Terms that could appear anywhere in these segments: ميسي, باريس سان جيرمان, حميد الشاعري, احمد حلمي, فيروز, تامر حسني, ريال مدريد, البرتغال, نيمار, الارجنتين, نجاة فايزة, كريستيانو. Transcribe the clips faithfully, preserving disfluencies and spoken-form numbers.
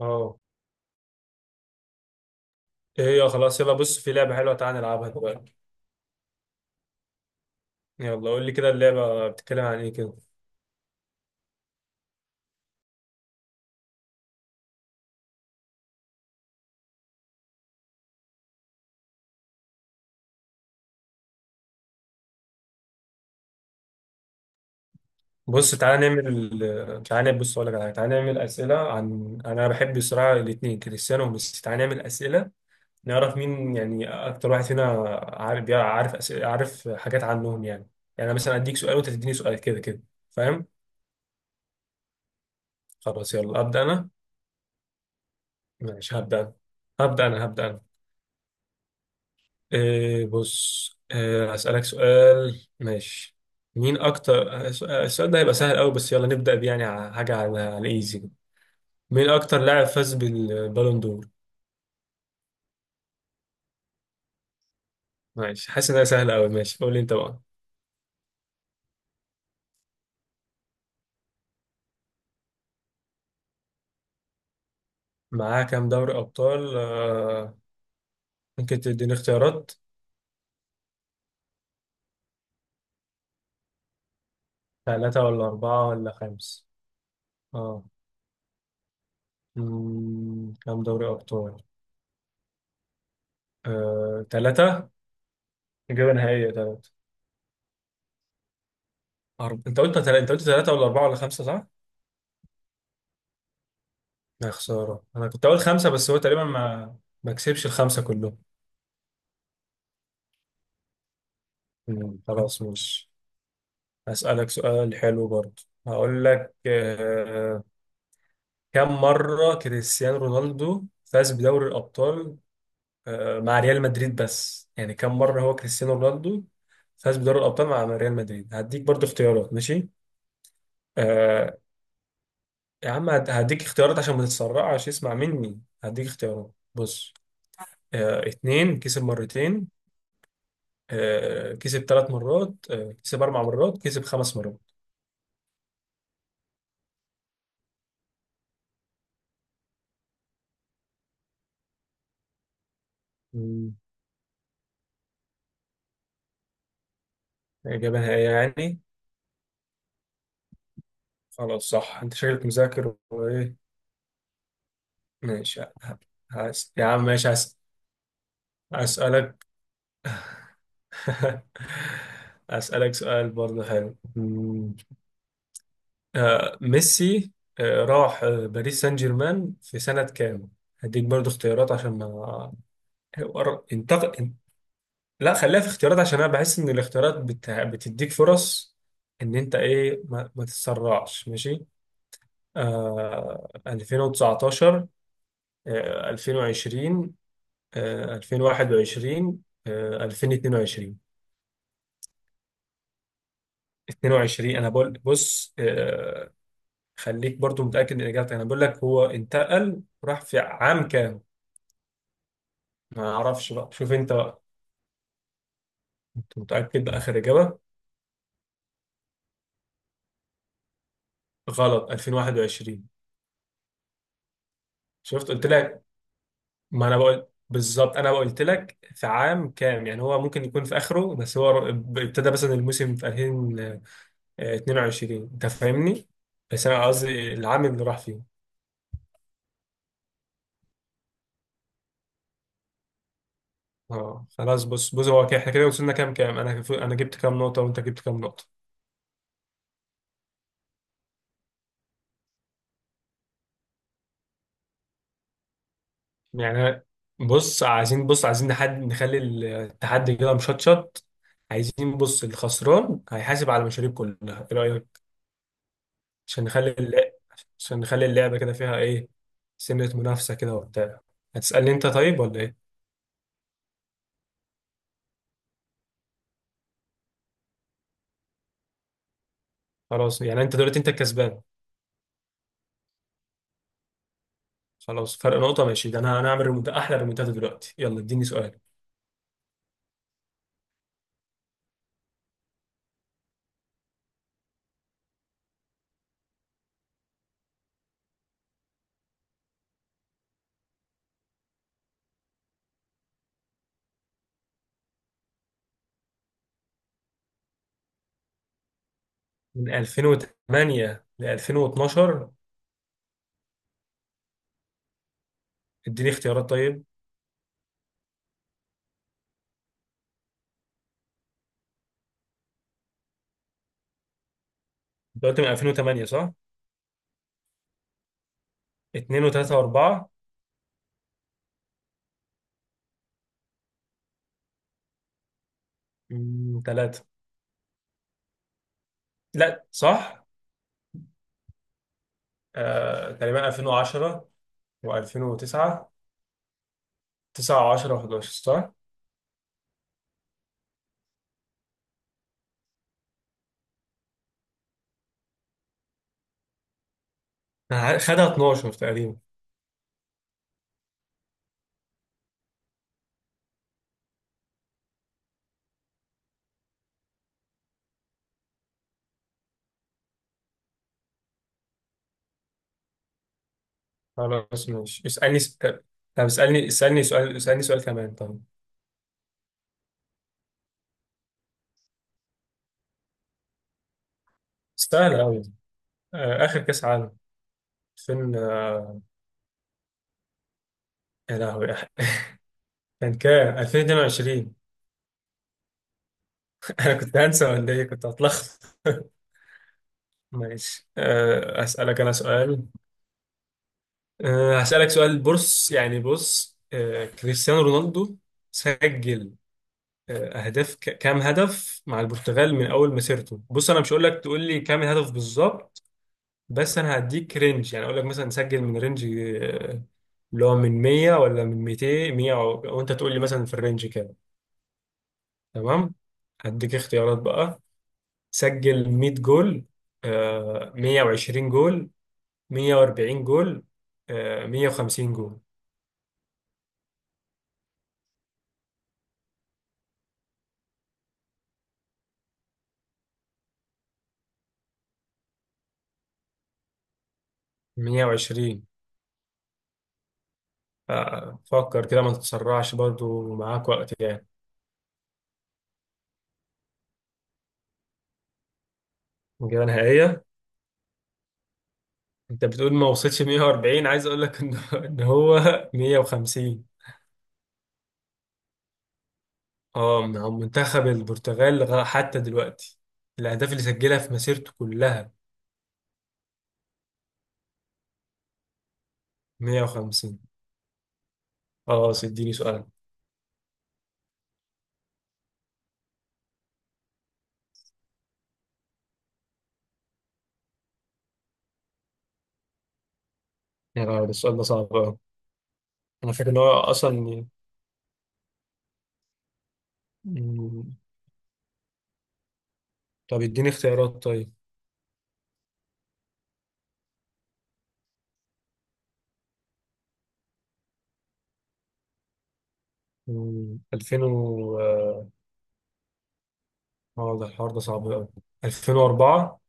اه. ايه هي؟ خلاص، يلا بص، في لعبة حلوة، تعالى نلعبها دلوقتي. يلا قول لي كده، اللعبة بتتكلم عن ايه كده؟ بص تعالى نعمل تعالى بص اقول لك على حاجة، تعالى نعمل أسئلة، عن انا بحب الصراحة الاتنين كريستيانو وميسي، تعالى نعمل أسئلة نعرف مين يعني اكتر واحد فينا عارف عارف أسئلة، عارف حاجات عنهم يعني يعني انا مثلا اديك سؤال وانت تديني سؤال كده كده، فاهم؟ خلاص يلا ابدا انا. ماشي، هبدا أنا. هبدا انا هبدا إيه بص، إيه، هسألك سؤال ماشي. مين أكتر الس- السؤال ده هيبقى سهل أوي، بس يلا نبدأ بيه، يعني ع- حاجة على على الإيزي كده. مين أكتر لاعب فاز بالبالون دور؟ ماشي، حاسس إنها سهلة أوي، ماشي قول لي أنت بقى. معاه كام دوري أبطال؟ آه ممكن تديني اختيارات؟ ثلاثة ولا أربعة ولا خمسة؟ آه مم، كام دوري أبطال؟ آه ثلاثة. إجابة نهائية ثلاثة. أرب... أنت قلت تل... أنت قلت ثلاثة ولا أربعة ولا خمسة صح؟ يا خسارة، أنا كنت أقول خمسة، بس هو تقريبا ما ما كسبش الخمسة كلهم. مم، خلاص مش أسألك سؤال حلو برضه، هقول لك. آه، كم مرة كريستيانو رونالدو فاز بدوري الأبطال؟ آه مع ريال مدريد، بس يعني كم مرة هو كريستيانو رونالدو فاز بدوري الأبطال مع ريال مدريد؟ هديك برضه اختيارات ماشي. آه يا عم هد- هديك اختيارات عشان ما تتسرعش، اسمع مني هديك اختيارات بص. آه اتنين، كسب مرتين، آه، كسب ثلاث مرات، آه، كسب اربع مرات، كسب خمس مرات. مم. اجابه نهائيه يعني؟ خلاص صح، انت شكلك مذاكر وايه. ماشي ه- هس... يا عم ماشي، هس... هسألك. هسألك سؤال برضه حلو. مم. آه، ميسي آه، راح آه، باريس سان جيرمان في سنة كام؟ هديك برضو اختيارات عشان ما انتقل. لا، خليها في اختيارات عشان انا بحس ان الاختيارات بت... بتديك فرص. ان انت ايه، ما, ما تتسرعش ماشي. آه ألفين وتسعتاشر؟ آه ألفين وعشرين؟ آه ألفين وواحد وعشرين؟ آه ألفين واتنين وعشرين؟ اتنين وعشرين، انا بقول، بص. آه خليك برضو متأكد من اجابتك، انا بقول لك هو انتقل راح في عام كام. ما اعرفش بقى، شوف انت بقى. أنت متأكد بآخر اجابة؟ غلط، ألفين وواحد وعشرين. شفت قلت لك. ما انا بقول بالظبط، انا قلت لك في عام كام، يعني هو ممكن يكون في اخره، بس هو ابتدى مثلا الموسم في ألفين واتنين وعشرين، انت فاهمني. بس انا قصدي العام اللي راح فيه. اه خلاص، بص بص هو كده- احنا كده وصلنا كام. كام انا انا جبت كام نقطة، وانت جبت كام نقطة. يعني بص عايزين، بص عايزين نحد نخلي التحدي كده مشطشط. عايزين، بص، الخسران هيحاسب على المشاريب كلها، ايه رأيك؟ عشان نخلي اللعب عشان نخلي اللعبة كده فيها ايه، سنة منافسة كده وبتاع. هتسألني انت طيب ولا ايه؟ خلاص يعني انت دلوقتي انت الكسبان. خلاص، فرق نقطة ماشي. ده انا انا هعمل ريمونتا احلى ريمونتادا دلوقتي. يلا اديني سؤال. من ألفين وتمنية ل ألفين واتناشر. اديني اختيارات طيب. انت قلت من ألفين وثمانية صح؟ اتنين و3 و4. تلاتة. لا صح. آه، تقريبا ألفين وعشرة و2009. تسعة و10 و11 صح. أنا عارف- خدها اتناشر تقريبا. خلاص ماشي، اسألني س... طب. طب اسألني اسألني سؤال اسألني سؤال كمان طب. سهل أوي. آه، آخر كأس عالم ألفين، آه، يا لهوي. كان كام؟ ألفين واتنين وعشرين. أنا كنت هنسى، ولا إيه، كنت هتلخبط. ماشي، آه، أسألك أنا سؤال. آه، هسألك سؤال، بص يعني، بص آه، كريستيانو رونالدو سجل آه، أهداف، ك- كام هدف مع البرتغال من أول مسيرته، بص أنا مش هقول لك تقول لي كام الهدف بالظبط، بس انا هديك رينج، يعني اقول لك مثلا سجل من رينج، آه، اللي هو من مية ولا من ميتين. مية و- وانت تقول لي مثلا في الرينج كده. تمام، هديك اختيارات بقى. سجل مية جول، آه، مية وعشرين جول، مية وأربعين جول، آه، مية وخمسين جول. مية وعشرين. آه، فكر كده ما تتسرعش، برضو معاك وقت يعني. الإجابة نهائية؟ انت بتقول ما وصلش مية وأربعين، عايز اقول لك ان إن هو مية وخمسين. اه، مع منتخب البرتغال، لغا- حتى دلوقتي الأهداف اللي سجلها في مسيرته كلها مية وخمسين. اه اديني سؤال. يا لهوي، ده السؤال ده صعب أوي. أنا فاكر إن هو أصلا، مم، طب اديني اختيارات طيب. مم، ألفين و اه آه، ده الحوار ده صعب أوي. ألفين وأربعة.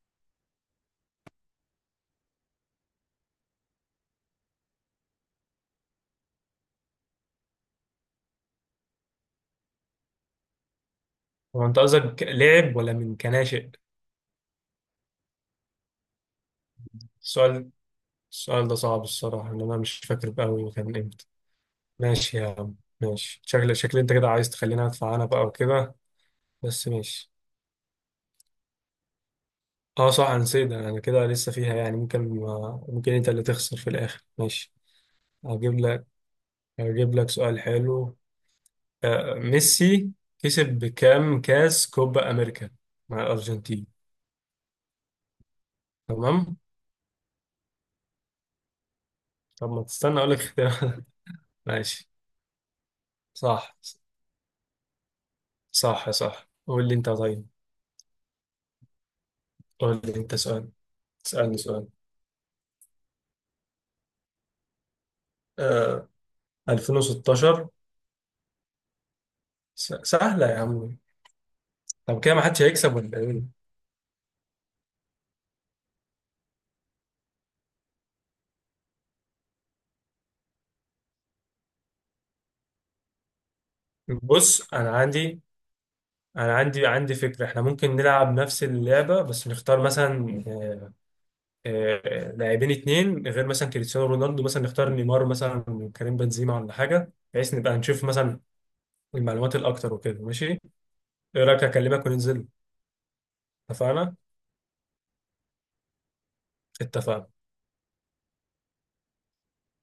هو أنت قصدك لعب ولا من كناشئ؟ السؤال السؤال ده صعب، الصراحة إن أنا مش فاكر أوي كان إمتى. ماشي يا عم ماشي، شكل شكل أنت كده عايز تخليني أدفع أنا بقى وكده، بس ماشي. اه صح، انا نسيت ده. انا كده لسه فيها، يعني ممكن، آه، ممكن انت اللي تخسر في الاخر، ماشي. هجيب لك هجيب لك سؤال حلو. آه، ميسي كسب بكام كاس كوبا امريكا مع الارجنتين؟ تمام. طب ما تستنى اقول لك اختيار. ماشي. صح. صح، صح، قول لي انت طيب. قول لي انت سؤال، اسالني سؤال. آه ألفين وستاشر. س- سهله يا عم. طب كده ما حدش هيكسب ولا ايه؟ بص انا عندي انا عندي عندي فكره. احنا ممكن نلعب نفس اللعبه، بس نختار مثلا، آه، آه، لاعبين اتنين، غير مثلا كريستيانو رونالدو، مثلا نختار نيمار مثلا وكريم بنزيما ولا حاجه، بحيث نبقى نشوف مثلا المعلومات الاكتر وكده ماشي. ايه رايك؟ اكلمك وننزل. اتفقنا. اتفقنا.